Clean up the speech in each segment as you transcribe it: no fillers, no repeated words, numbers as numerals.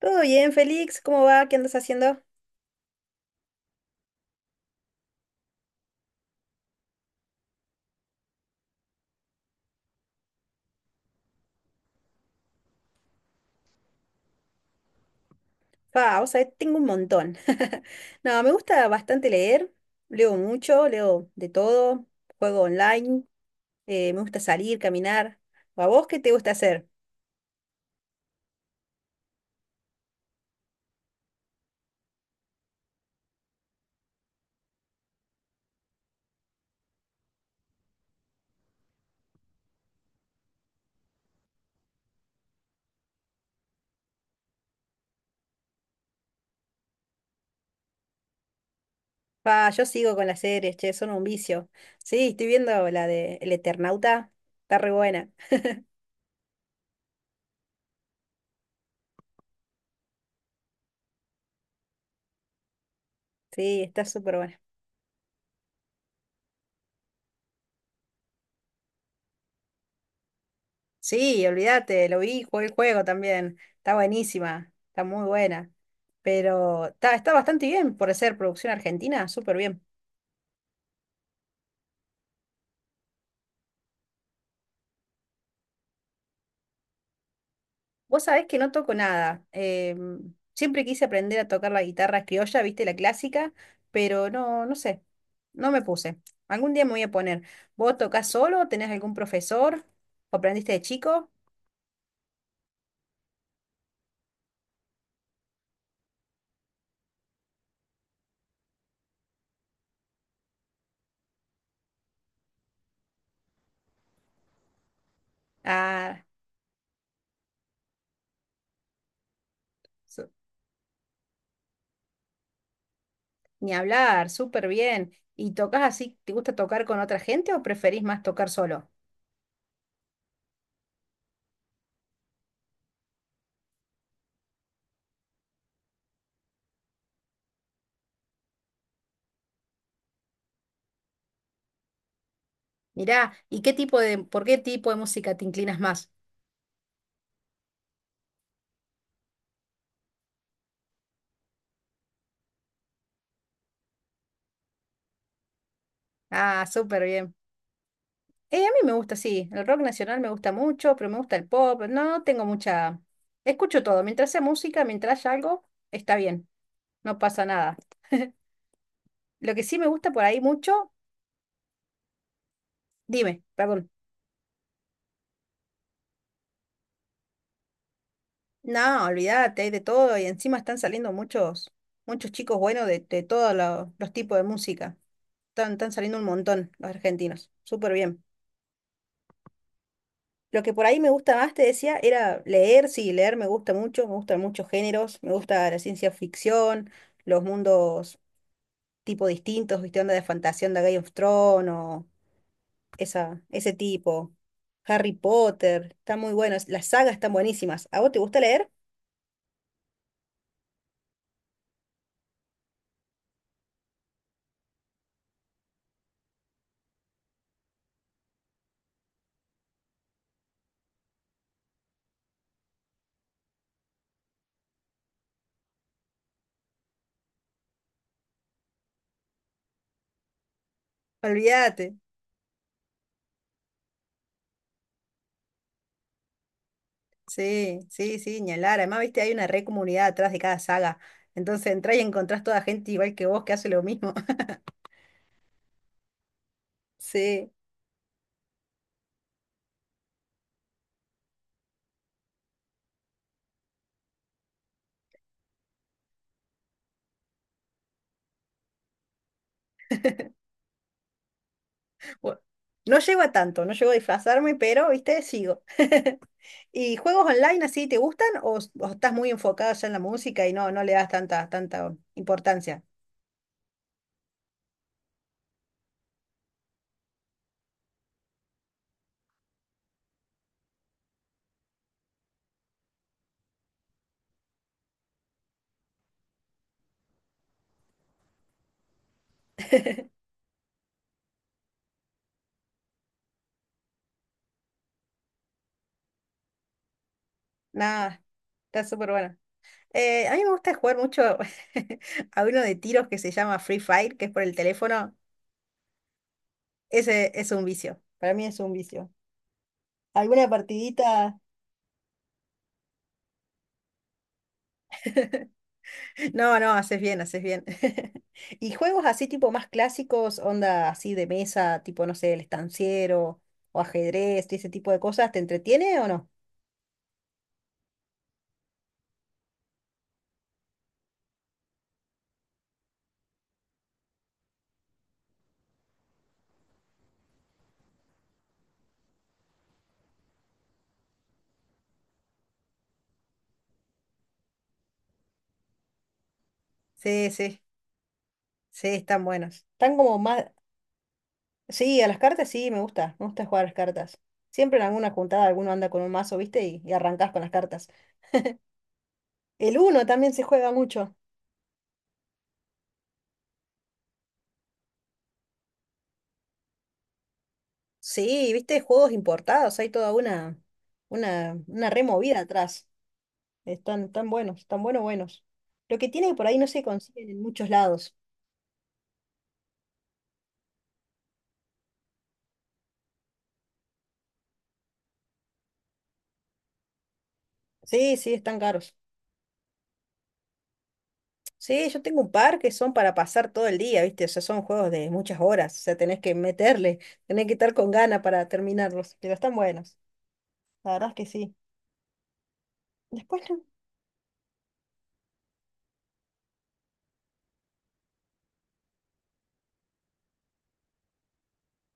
¿Todo bien, Félix? ¿Cómo va? ¿Qué andas haciendo? Ah, vos sabés, tengo un montón. No, me gusta bastante leer. Leo mucho, leo de todo. Juego online. Me gusta salir, caminar. ¿O a vos qué te gusta hacer? Pa, yo sigo con las series, che, son un vicio. Sí, estoy viendo la de El Eternauta. Está re buena. Sí, está súper buena. Sí, olvídate, lo vi, jugué el juego también. Está buenísima, está muy buena. Pero está bastante bien por ser producción argentina, súper bien. Vos sabés que no toco nada. Siempre quise aprender a tocar la guitarra criolla, viste, la clásica, pero no, no sé, no me puse. Algún día me voy a poner. ¿Vos tocás solo? ¿Tenés algún profesor? ¿O aprendiste de chico? Ah, su- ni hablar, súper bien. ¿Y tocas así? ¿Te gusta tocar con otra gente o preferís más tocar solo? Mirá, ¿y qué tipo de, por qué tipo de música te inclinas más? Ah, súper bien. A mí me gusta, sí, el rock nacional me gusta mucho, pero me gusta el pop, no tengo mucha... Escucho todo, mientras sea música, mientras haya algo, está bien, no pasa nada. Lo que sí me gusta por ahí mucho, dime, perdón. No, olvídate, hay de todo y encima están saliendo muchos, muchos chicos buenos de todos los tipos de música. Están saliendo un montón los argentinos, súper bien. Lo que por ahí me gusta más, te decía, era leer, sí, leer me gusta mucho, me gustan muchos géneros, me gusta la ciencia ficción, los mundos tipo distintos, viste, onda de fantasía, onda Game of Thrones, o esa, ese tipo. Harry Potter, está muy bueno, las sagas están buenísimas. ¿A vos te gusta leer? Olvídate. Sí, sí, sí, ni hablar. Además, viste, hay una re comunidad atrás de cada saga. Entonces entrás y encontrás toda gente igual que vos que hace lo mismo. Sí. Bu- No llego a tanto, no llego a disfrazarme, pero, viste, sigo. ¿Y juegos online así te gustan o, o estás muy enfocado ya en la música y no, no le das tanta, tanta importancia? Nada, está súper bueno. A mí me gusta jugar mucho a uno de tiros que se llama Free Fire, que es por el teléfono. Ese es un vicio. Para mí es un vicio. ¿Alguna partidita? No, no, haces bien, haces bien. ¿Y juegos así tipo más clásicos, onda así de mesa, tipo, no sé, el estanciero o ajedrez, y ese tipo de cosas, ¿te entretiene o no? Sí, sí, sí, están buenos. Están como más... Sí, a las cartas sí, me gusta jugar a las cartas. Siempre en alguna juntada alguno anda con un mazo, ¿viste? Y arrancás con las cartas. El uno también se juega mucho. Sí, viste, juegos importados, hay toda una removida atrás. Están tan buenos, buenos. Lo que tiene que por ahí no se consiguen en muchos lados. Sí, sí, están caros. Sí, yo tengo un par que son para pasar todo el día, viste, o sea, son juegos de muchas horas, o sea, tenés que meterle, tenés que estar con ganas para terminarlos, pero están buenos. La verdad es que sí. Después no.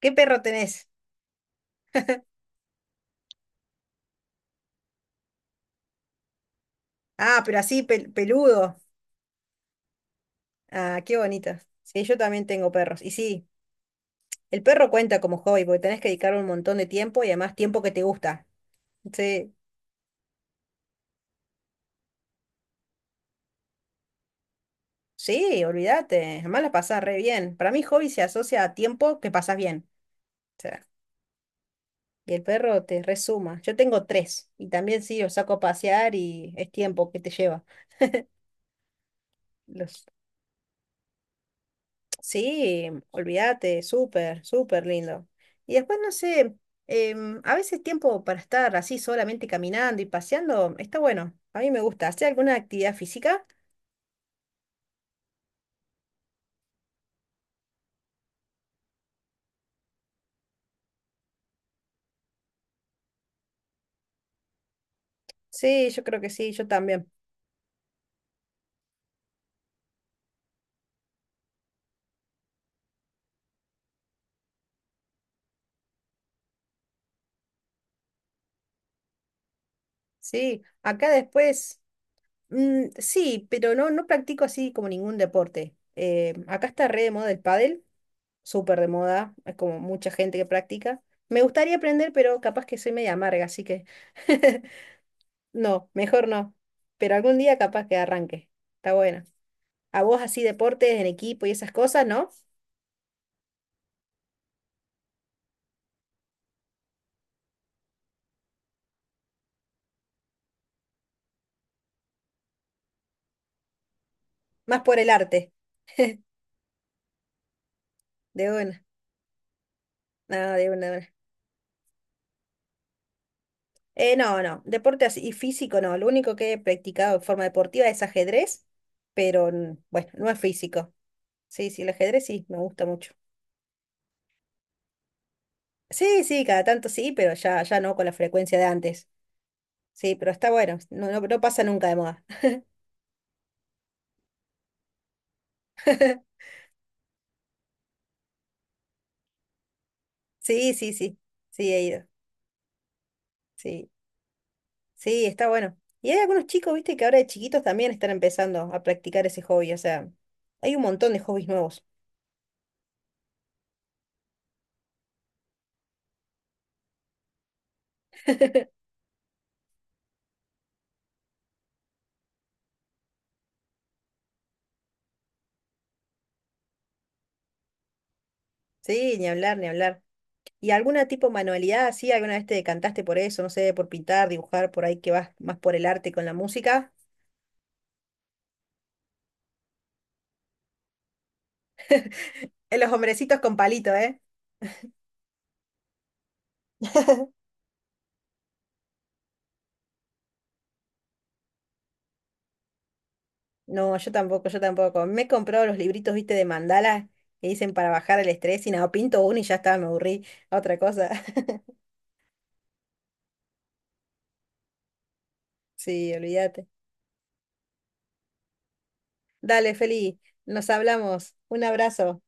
¿Qué perro tenés? Ah, pero así peludo. Ah, qué bonito. Sí, yo también tengo perros. Y sí, el perro cuenta como hobby porque tenés que dedicarle un montón de tiempo y además tiempo que te gusta. Sí, sí, olvídate. Además la pasás re bien. Para mí hobby se asocia a tiempo que pasás bien. O sea, y el perro te resuma. Yo tengo tres y también sí, los saco a pasear y es tiempo que te lleva. Los... Sí, olvídate, súper, súper lindo. Y después, no sé, a veces tiempo para estar así solamente caminando y paseando está bueno. A mí me gusta. ¿Hacer alguna actividad física? Sí, yo creo que sí, yo también. Sí, acá después, mm, sí, pero no, no practico así como ningún deporte. Acá está re de moda el pádel, súper de moda, es como mucha gente que practica. Me gustaría aprender, pero capaz que soy media amarga, así que no, mejor no. Pero algún día capaz que arranque. Está bueno. A vos así deportes en equipo y esas cosas, ¿no? Más por el arte. De una. Nada, de una, de una. No, no, deporte así, y físico no. Lo único que he practicado en forma deportiva es ajedrez, pero bueno, no es físico. Sí, sí, el ajedrez sí, me gusta mucho. Sí, sí, cada tanto sí, pero ya, ya no con la frecuencia de antes. Sí, pero está bueno, no, no, no pasa nunca de moda. Sí, sí, sí, sí, he ido. Sí, sí, está bueno. Y hay algunos chicos, viste, que ahora de chiquitos también están empezando a practicar ese hobby. O sea, hay un montón de hobbies nuevos. Sí, ni hablar, ni hablar. ¿Y alguna tipo manualidad así? ¿Alguna vez te decantaste por eso? No sé, por pintar, dibujar, por ahí que vas más por el arte con la música. En los hombrecitos con palito, ¿eh? No, yo tampoco, yo tampoco. Me he comprado los libritos, viste, de mandala que dicen para bajar el estrés y nada, pinto uno y ya está, me aburrí. Otra cosa. Sí, olvídate. Dale, Feli, nos hablamos. Un abrazo.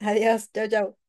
Adiós, chau, chau.